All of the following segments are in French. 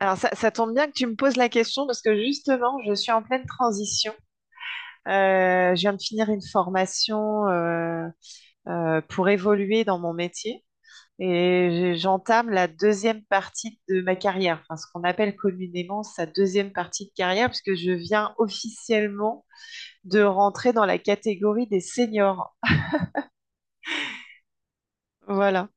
Alors ça tombe bien que tu me poses la question parce que justement, je suis en pleine transition. Je viens de finir une formation pour évoluer dans mon métier et j'entame la deuxième partie de ma carrière, enfin ce qu'on appelle communément sa deuxième partie de carrière, puisque je viens officiellement de rentrer dans la catégorie des seniors. Voilà.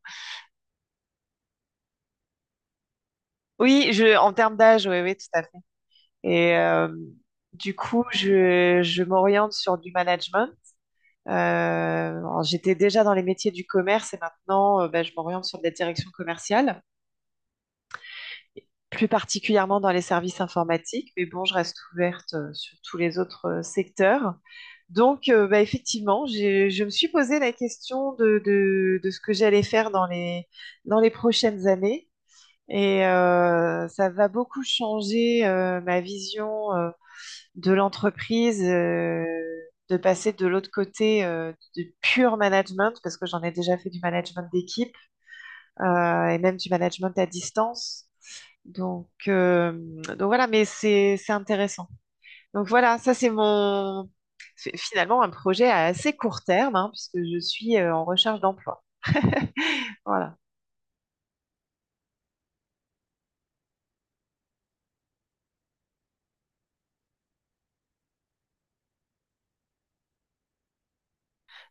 Oui, en termes d'âge, oui, oui, tout à fait. Et du coup, je m'oriente sur du management. Euh, alors, j'étais déjà dans les métiers du commerce et maintenant, ben, je m'oriente sur de la direction commerciale, et plus particulièrement dans les services informatiques, mais bon, je reste ouverte sur tous les autres secteurs. Donc, bah, effectivement, je me suis posé la question de ce que j'allais faire dans dans les prochaines années. Et ça va beaucoup changer ma vision de l'entreprise, de passer de l'autre côté du pur management, parce que j'en ai déjà fait du management d'équipe et même du management à distance. Donc, euh, donc voilà, mais c'est intéressant. Donc voilà, ça c'est mon c'est finalement un projet à assez court terme, hein, puisque je suis en recherche d'emploi. Voilà,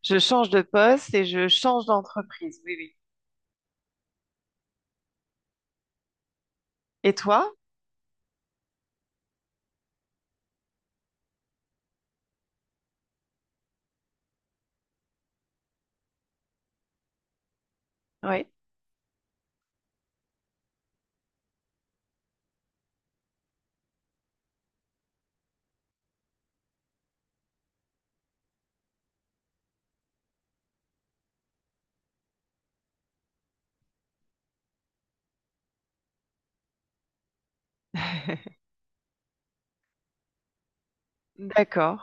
je change de poste et je change d'entreprise. Oui, oui. Et toi? Oui. D'accord.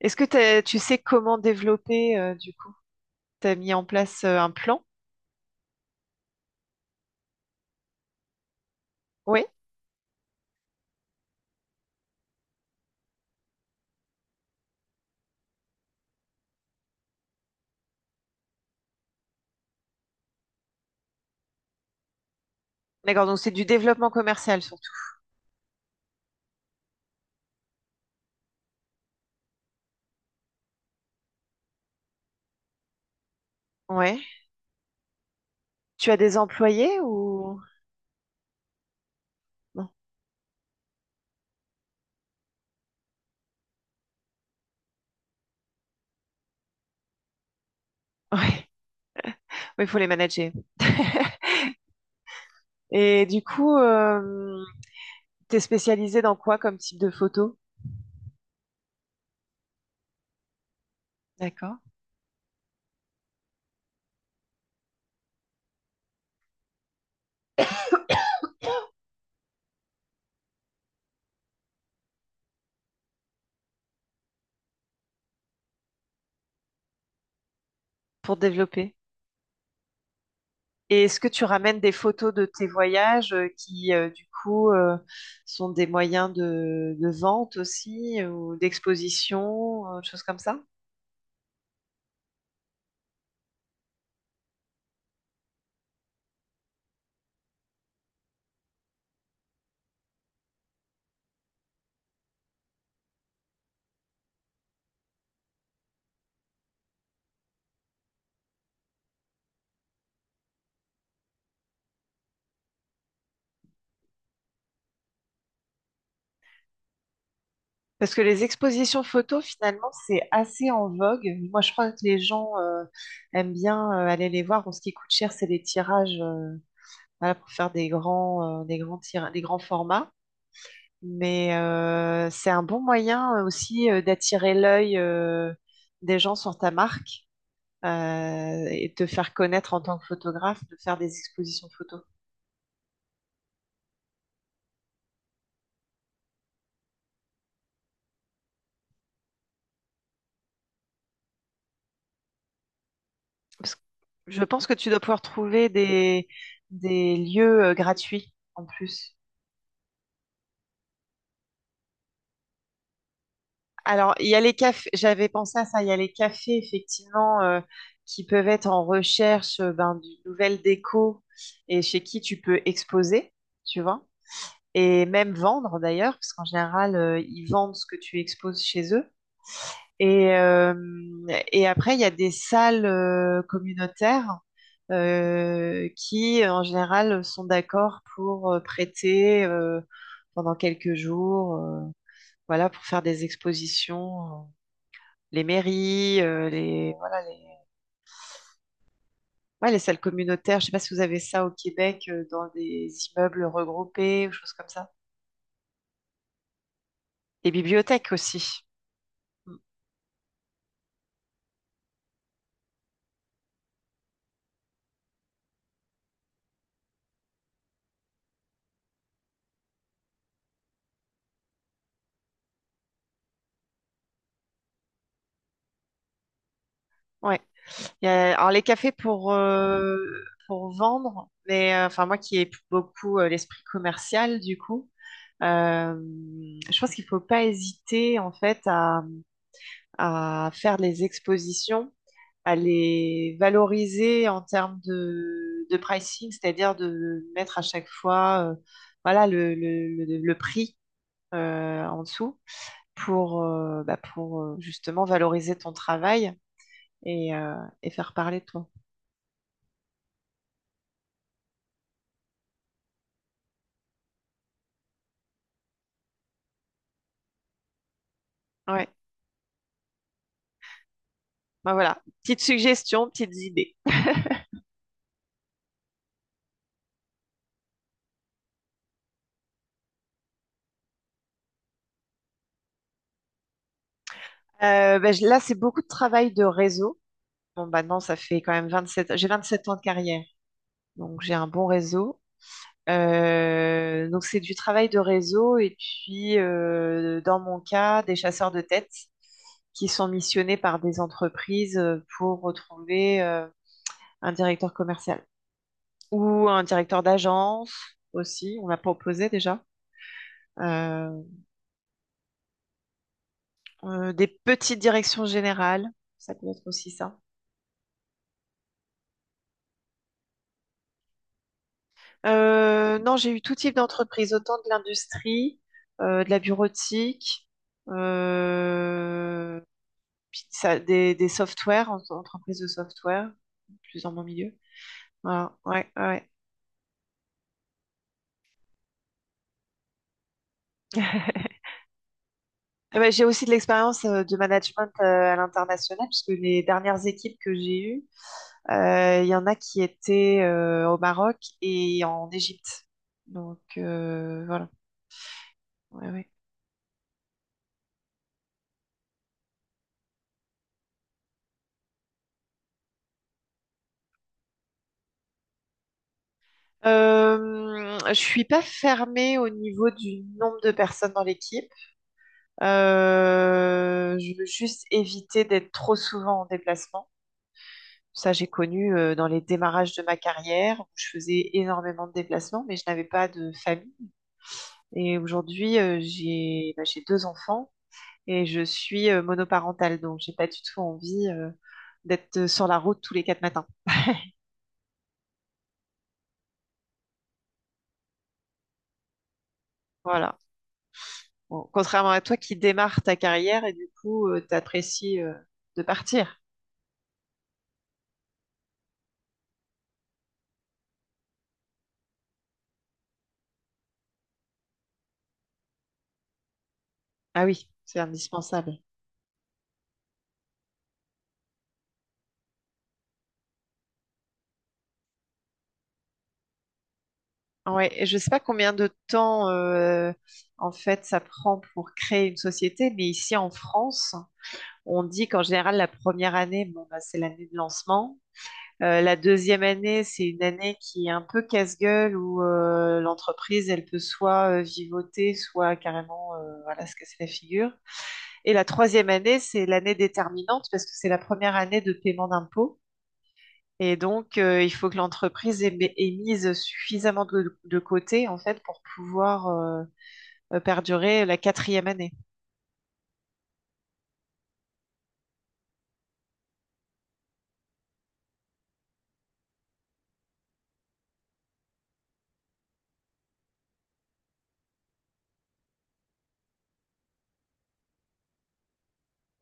Est-ce que tu sais comment développer du coup? T'as mis en place un plan? Oui. D'accord, donc c'est du développement commercial surtout. Ouais. Tu as des employés ou non? Ouais. Oui, il faut les manager. Et du coup, t'es spécialisé dans quoi comme type de photo? D'accord. Pour développer. Et est-ce que tu ramènes des photos de tes voyages sont des moyens de vente aussi ou d'exposition, choses comme ça? Parce que les expositions photos, finalement, c'est assez en vogue. Moi, je crois que les gens aiment bien aller les voir. Bon, ce qui coûte cher, c'est les tirages voilà, pour faire des grands tira- des grands formats. Mais c'est un bon moyen aussi d'attirer l'œil des gens sur ta marque et de te faire connaître en tant que photographe, de faire des expositions photos. Parce que je pense que tu dois pouvoir trouver des lieux gratuits en plus. Alors, il y a les cafés, j'avais pensé à ça, il y a les cafés, effectivement, qui peuvent être en recherche ben, d'une nouvelle déco et chez qui tu peux exposer, tu vois, et même vendre d'ailleurs, parce qu'en général, ils vendent ce que tu exposes chez eux. Et, euh, et après, il y a des salles communautaires qui, en général, sont d'accord pour prêter pendant quelques jours, voilà, pour faire des expositions. Les mairies, voilà, ouais, les salles communautaires. Je sais pas si vous avez ça au Québec, dans des immeubles regroupés ou choses comme ça. Les bibliothèques aussi. Mm. Ouais. Alors les cafés pour vendre, mais enfin moi qui ai beaucoup l'esprit commercial du coup, euh, je pense qu'il faut pas hésiter en fait à faire les expositions, à les valoriser en termes de pricing, c'est-à-dire de mettre à chaque fois voilà le prix en dessous pour, pour justement valoriser ton travail et, euh, et faire parler de toi. Ouais. Ben voilà, petites suggestions, petites idées. Ben, là, c'est beaucoup de travail de réseau. Bon, maintenant, ça fait quand même 27 j'ai 27 ans de carrière, donc j'ai un bon réseau. Donc, c'est du travail de réseau et puis, dans mon cas, des chasseurs de tête qui sont missionnés par des entreprises pour retrouver un directeur commercial ou un directeur d'agence aussi, on m'a proposé déjà. Euh, des petites directions générales, ça peut être aussi ça. Non, j'ai eu tout type d'entreprise, autant de l'industrie, de la bureautique, euh, puis des softwares, entreprises de software, plus dans mon milieu. Voilà, ouais, ouais. Eh ben, j'ai aussi de l'expérience de management à l'international, puisque les dernières équipes que j'ai eues, il y en a qui étaient au Maroc et en Égypte. Voilà. Ouais, ouais. Je suis pas fermée au niveau du nombre de personnes dans l'équipe. Je veux juste éviter d'être trop souvent en déplacement. Ça, j'ai connu dans les démarrages de ma carrière où je faisais énormément de déplacements, mais je n'avais pas de famille. Et aujourd'hui, j'ai deux enfants et je suis monoparentale, donc j'ai pas du tout envie d'être sur la route tous les quatre matins. Voilà. Bon, contrairement à toi qui démarre ta carrière et du coup, t'apprécies de partir. Ah oui, c'est indispensable. Ah ouais, et je sais pas combien de temps en fait ça prend pour créer une société, mais ici en France, on dit qu'en général la première année, bon, bah, c'est l'année de lancement. La deuxième année, c'est une année qui est un peu casse-gueule où l'entreprise, elle peut soit vivoter, soit carrément voilà, se casser la figure. Et la troisième année, c'est l'année déterminante parce que c'est la première année de paiement d'impôts. Et donc, il faut que l'entreprise ait mise suffisamment de côté, en fait, pour pouvoir perdurer la quatrième année.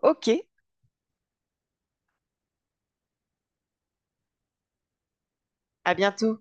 OK, à bientôt.